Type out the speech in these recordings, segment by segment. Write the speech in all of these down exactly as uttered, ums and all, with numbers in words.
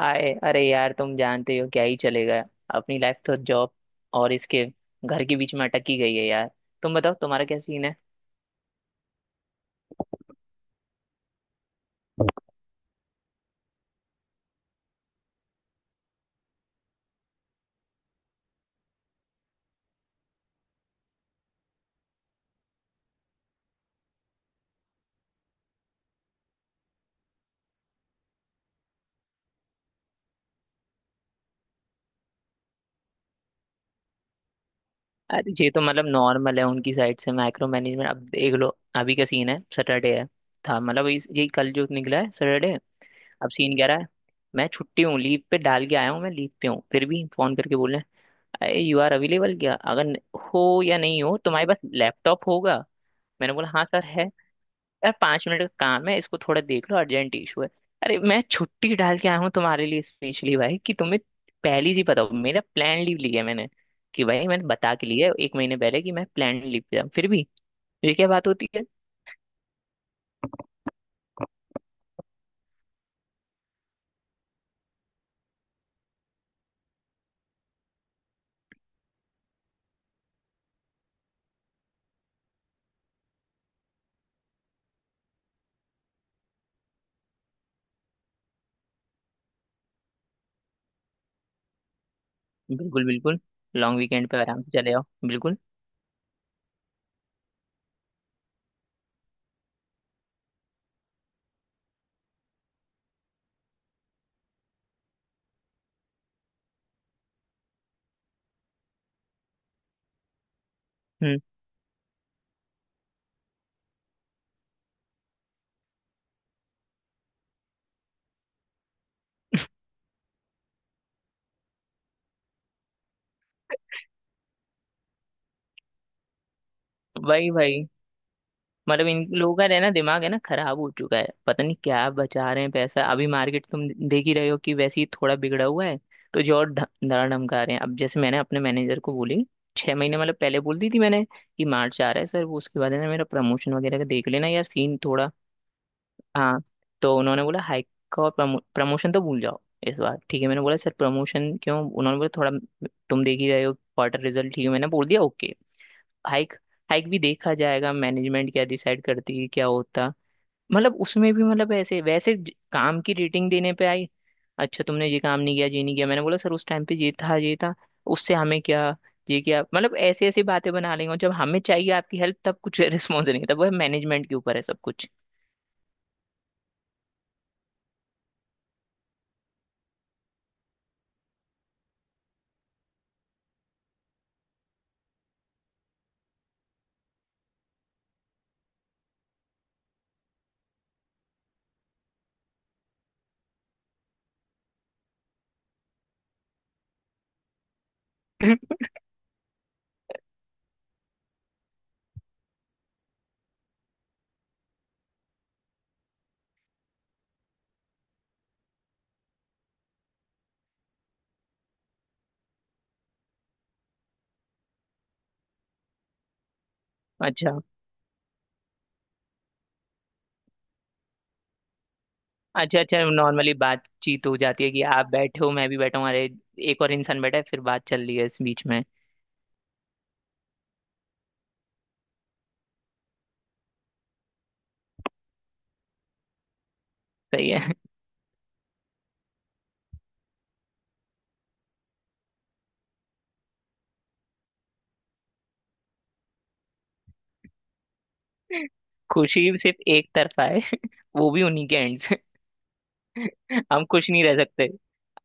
हाय। अरे यार, तुम जानते हो क्या ही चलेगा। अपनी लाइफ तो जॉब और इसके घर के बीच में अटकी गई है यार। तुम बताओ तुम्हारा क्या सीन है। अरे ये तो मतलब नॉर्मल है उनकी साइड से माइक्रो मैनेजमेंट, अब देख लो। अभी का सीन है, सैटरडे है, था मतलब इस- यही कल जो निकला है सैटरडे। अब सीन कह रहा है मैं छुट्टी हूँ, लीव पे डाल के आया हूँ, मैं लीव पे हूँ फिर भी फोन करके बोल रहे हैं अरे यू आर अवेलेबल क्या। अगर न- हो या नहीं हो तुम्हारे पास लैपटॉप होगा। मैंने बोला हाँ सर है। यार पांच मिनट का काम है, इसको थोड़ा देख लो, अर्जेंट इशू है। अरे मैं छुट्टी डाल के आया हूँ तुम्हारे लिए स्पेशली भाई, कि तुम्हें पहले से पता हो मेरा प्लान, लीव लिया है मैंने कि भाई मैंने बता के लिया है एक महीने पहले कि मैं प्लान लीव पे जाऊँ, फिर भी ये क्या बात होती है। बिल्कुल बिल्कुल। लॉन्ग वीकेंड पे आराम से चले आओ, बिल्कुल। हम्म। वही भाई, मतलब इन लोगों का रहना, दिमाग है ना खराब हो चुका है। पता नहीं क्या बचा रहे हैं पैसा, अभी मार्केट तुम देख ही रहे हो कि वैसे ही थोड़ा बिगड़ा हुआ है। तो जो और ढ- धड़ा धमका रहे हैं। अब जैसे मैंने अपने मैनेजर को बोली, छह महीने मतलब पहले बोल दी थी मैंने कि मार्च आ रहा है सर, वो उसके बाद है ना मेरा प्रमोशन वगैरह का देख लेना यार, सीन थोड़ा। हाँ। तो उन्होंने बोला हाइक का और प्रमो, प्रमोशन तो भूल जाओ इस बार। ठीक है, मैंने बोला सर प्रमोशन क्यों। उन्होंने बोला थोड़ा तुम देख ही रहे हो क्वार्टर रिजल्ट। ठीक है, मैंने बोल दिया ओके। हाइक, हाइक भी देखा जाएगा, मैनेजमेंट क्या डिसाइड करती है क्या होता। मतलब उसमें भी मतलब ऐसे वैसे ज- काम की रेटिंग देने पे आई। अच्छा, तुमने ये काम नहीं किया, ये नहीं किया। मैंने बोला सर उस टाइम पे ये था ये था, उससे हमें क्या। ये क्या, मतलब ऐसी ऐसी बातें बना लेंगे, और जब हमें चाहिए आपकी हेल्प तब कुछ रिस्पॉन्स नहीं। तब वो मैनेजमेंट के ऊपर है सब कुछ। अच्छा अच्छा। अच्छा, नॉर्मली बातचीत हो जाती है कि आप बैठे हो, मैं भी बैठा हूँ, अरे एक और इंसान बैठा है, फिर बात चल रही है इस बीच में। सही है। खुशी सिर्फ एक तरफा है, वो भी उन्हीं के एंड। हम खुश नहीं रह सकते,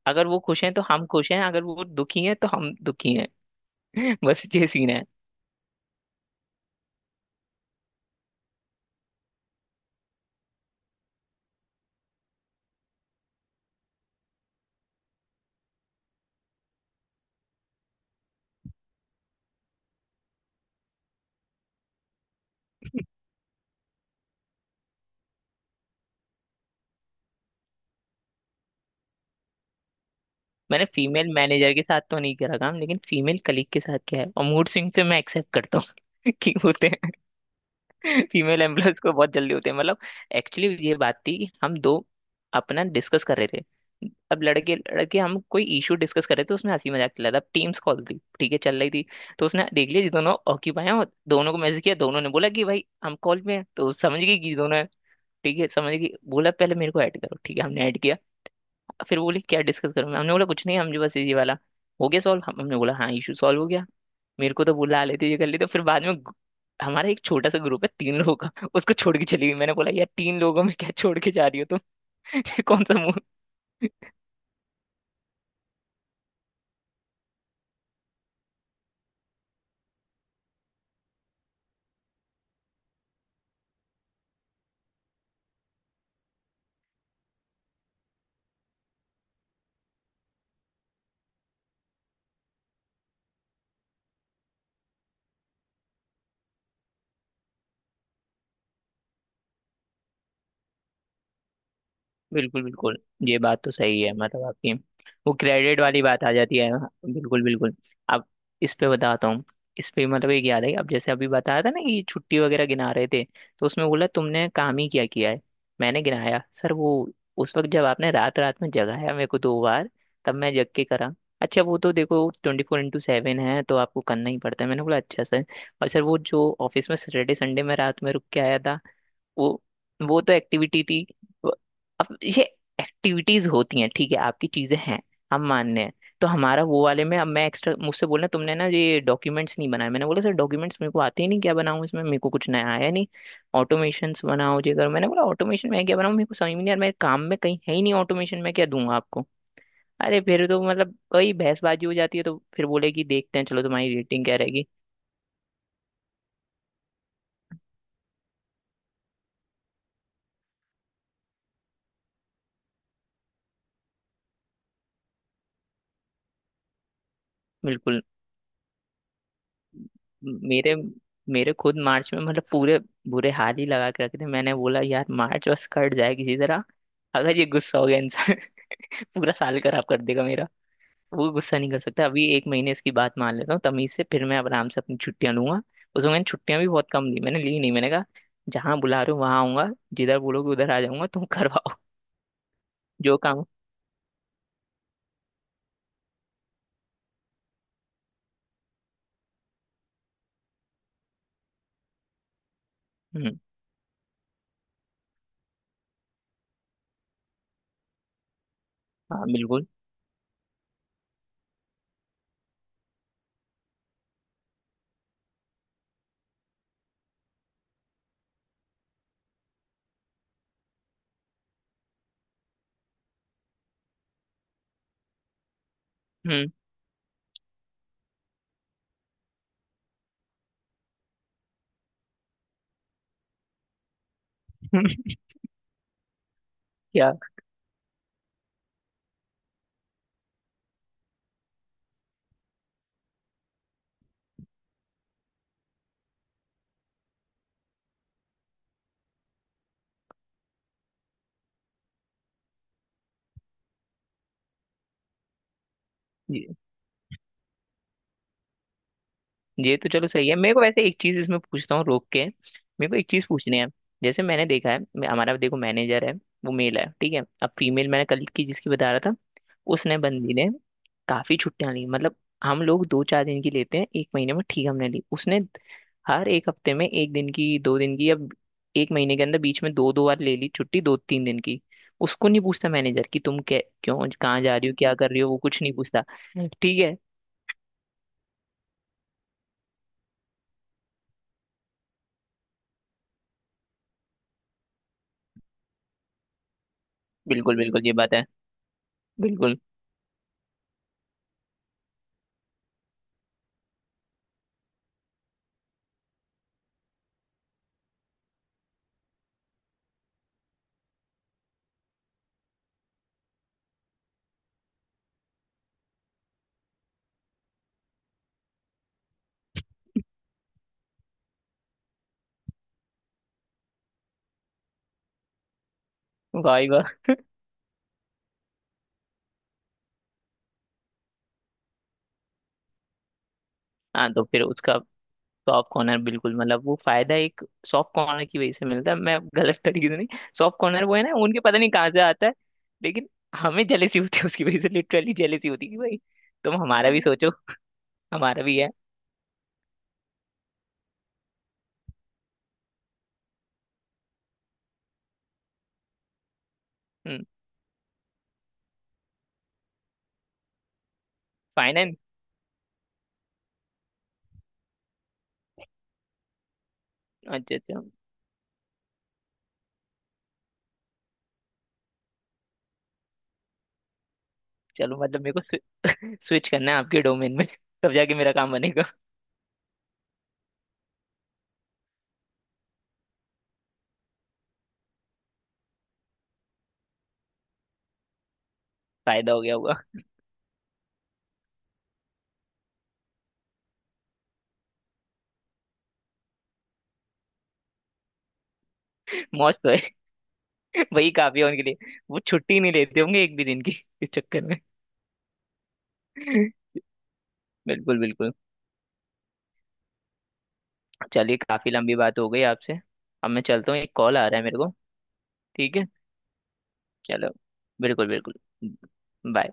अगर वो खुश हैं तो हम खुश हैं, अगर वो दुखी हैं तो हम दुखी हैं। बस ये सीन है। मैंने फीमेल मैनेजर के साथ तो नहीं करा काम, लेकिन फीमेल कलीग के साथ किया है, और मूड स्विंग पे मैं एक्सेप्ट करता हूँ कि होते हैं। फीमेल एम्बुलेंस को बहुत जल्दी होते हैं मतलब। एक्चुअली ये बात थी कि हम दो अपना डिस्कस कर रहे थे। अब लड़के लड़के हम कोई इशू डिस्कस कर रहे थे, उसमें हंसी मजाक चल रहा था। अब टीम्स कॉल थी, ठीक है, चल रही थी। तो उसने देख लिया जी, दोनों ऑक्यूपाई हैं, और दोनों को मैसेज किया। दोनों ने बोला कि भाई हम कॉल पे हैं, तो समझ गई कि दोनों हैं। ठीक है, समझ गई, बोला पहले मेरे को ऐड करो। ठीक है, हमने ऐड किया। फिर बोले क्या डिस्कस करूँ, हमने बोला कुछ नहीं हम जो बस ये वाला हो गया सॉल्व, हम हमने बोला हाँ इशू सॉल्व हो गया। मेरे को तो बुला लेती, ये कर लेती। तो फिर बाद में गु- हमारा एक छोटा सा ग्रुप है तीन लोगों का, उसको छोड़ के चली गई। मैंने बोला यार तीन लोगों में क्या छोड़ के जा रही हो तुम। ये कौन सा मुंह। बिल्कुल बिल्कुल। ये बात तो सही है, मतलब आपकी वो क्रेडिट वाली बात आ जाती है, हाँ, बिल्कुल बिल्कुल। अब इस पे बताता हूँ। इस पे मतलब, एक याद है। अब जैसे अभी बताया था ना कि छुट्टी वगैरह गिना रहे थे, तो उसमें बोला तुमने काम ही क्या किया है। मैंने गिनाया सर वो उस वक्त जब आपने रात रात में जगाया मेरे को दो बार, तब मैं जग के करा। अच्छा, वो तो देखो ट्वेंटी फोर इंटू सेवन है, तो आपको करना ही पड़ता है। मैंने बोला अच्छा सर। और सर वो जो ऑफिस में सैटरडे संडे में रात में रुक के आया था वो वो तो एक्टिविटी थी। व- अब ये एक्टिविटीज होती हैं, ठीक है, आपकी चीजें हैं, हम मानने हैं। तो हमारा वो वाले में अब मैं एक्स्ट्रा, मुझसे बोलना तुमने ना ये डॉक्यूमेंट्स नहीं बनाए। मैंने बोला सर डॉक्यूमेंट्स मेरे को आते ही नहीं, क्या बनाऊं, इसमें मेरे को कुछ नया आया नहीं। ऑटोमेशंस बनाओ, ये करो। मैंने बोला ऑटोमेशन मैं क्या बनाऊं, मेरे को समझ में नहीं यार, मेरे काम में कहीं है ही नहीं ऑटोमेशन, मैं क्या दूंगा आपको। अरे फिर तो मतलब वही बहसबाजी हो जाती है। तो फिर बोले कि देखते हैं चलो तुम्हारी रेटिंग क्या रहेगी। बिल्कुल। मेरे मेरे खुद मार्च में मतलब पूरे बुरे हाल ही लगा के रखे थे। मैंने बोला यार मार्च बस कट जाए किसी तरह। अगर ये गुस्सा हो गया इंसान, पूरा साल खराब कर देगा मेरा। वो गुस्सा नहीं कर सकता, अभी एक महीने इसकी बात मान लेता हूँ तमीज से, फिर मैं अब आराम से अपनी छुट्टियां लूंगा। उसमें मैंने छुट्टियां भी बहुत कम ली, मैंने ली नहीं। मैंने कहा जहाँ बुला रहे हो वहां आऊंगा, जिधर बोलोगे उधर आ जाऊंगा, तुम करवाओ। जो काम। हम्म। हाँ बिल्कुल। हम्म। क्या। ये तो चलो सही है। मेरे को वैसे एक चीज इसमें पूछता हूँ, रोक के। मेरे को एक चीज पूछनी है। जैसे मैंने देखा है, मैं- हमारा देखो मैनेजर है, वो मेल है, ठीक है। अब फीमेल मैंने कल की जिसकी बता रहा था, उसने बंदी ने काफी छुट्टियां ली मतलब। हम लोग दो चार दिन की लेते हैं एक महीने में, ठीक, हमने ली। उसने हर एक हफ्ते में एक दिन की, दो दिन की, या एक महीने के अंदर बीच में दो दो बार ले ली छुट्टी, दो तीन दिन की। उसको नहीं पूछता मैनेजर कि तुम क्या, क्यों, कहाँ जा रही हो, क्या कर रही हो, वो कुछ नहीं पूछता। ठीक है। बिल्कुल बिल्कुल, ये बात है। बिल्कुल। भाई वाह। हाँ तो फिर उसका सॉफ्ट कॉर्नर, बिल्कुल, मतलब वो फायदा एक सॉफ्ट कॉर्नर की वजह से मिलता है, मैं गलत तरीके से नहीं। सॉफ्ट कॉर्नर वो है ना, उनके पता नहीं कहाँ से आता है, लेकिन हमें जेलेसी होती है, उसकी वजह से लिटरली जेलेसी होती है कि भाई तुम हमारा भी हम्म। सोचो। हमारा भी है। हम्म। फाइनेंस। अच्छा अच्छा। चलो मतलब मेरे को स्विच करना है आपके डोमेन में, तब जाके मेरा काम बनेगा। फायदा हो गया होगा। मौज तो है। वही काफी है उनके लिए। वो छुट्टी नहीं लेते होंगे एक भी दिन की इस चक्कर में। बिल्कुल बिल्कुल। चलिए काफी लंबी बात हो गई आपसे, अब मैं चलता हूँ, एक कॉल आ रहा है मेरे को। ठीक है। चलो। बिल्कुल बिल्कुल। बाय।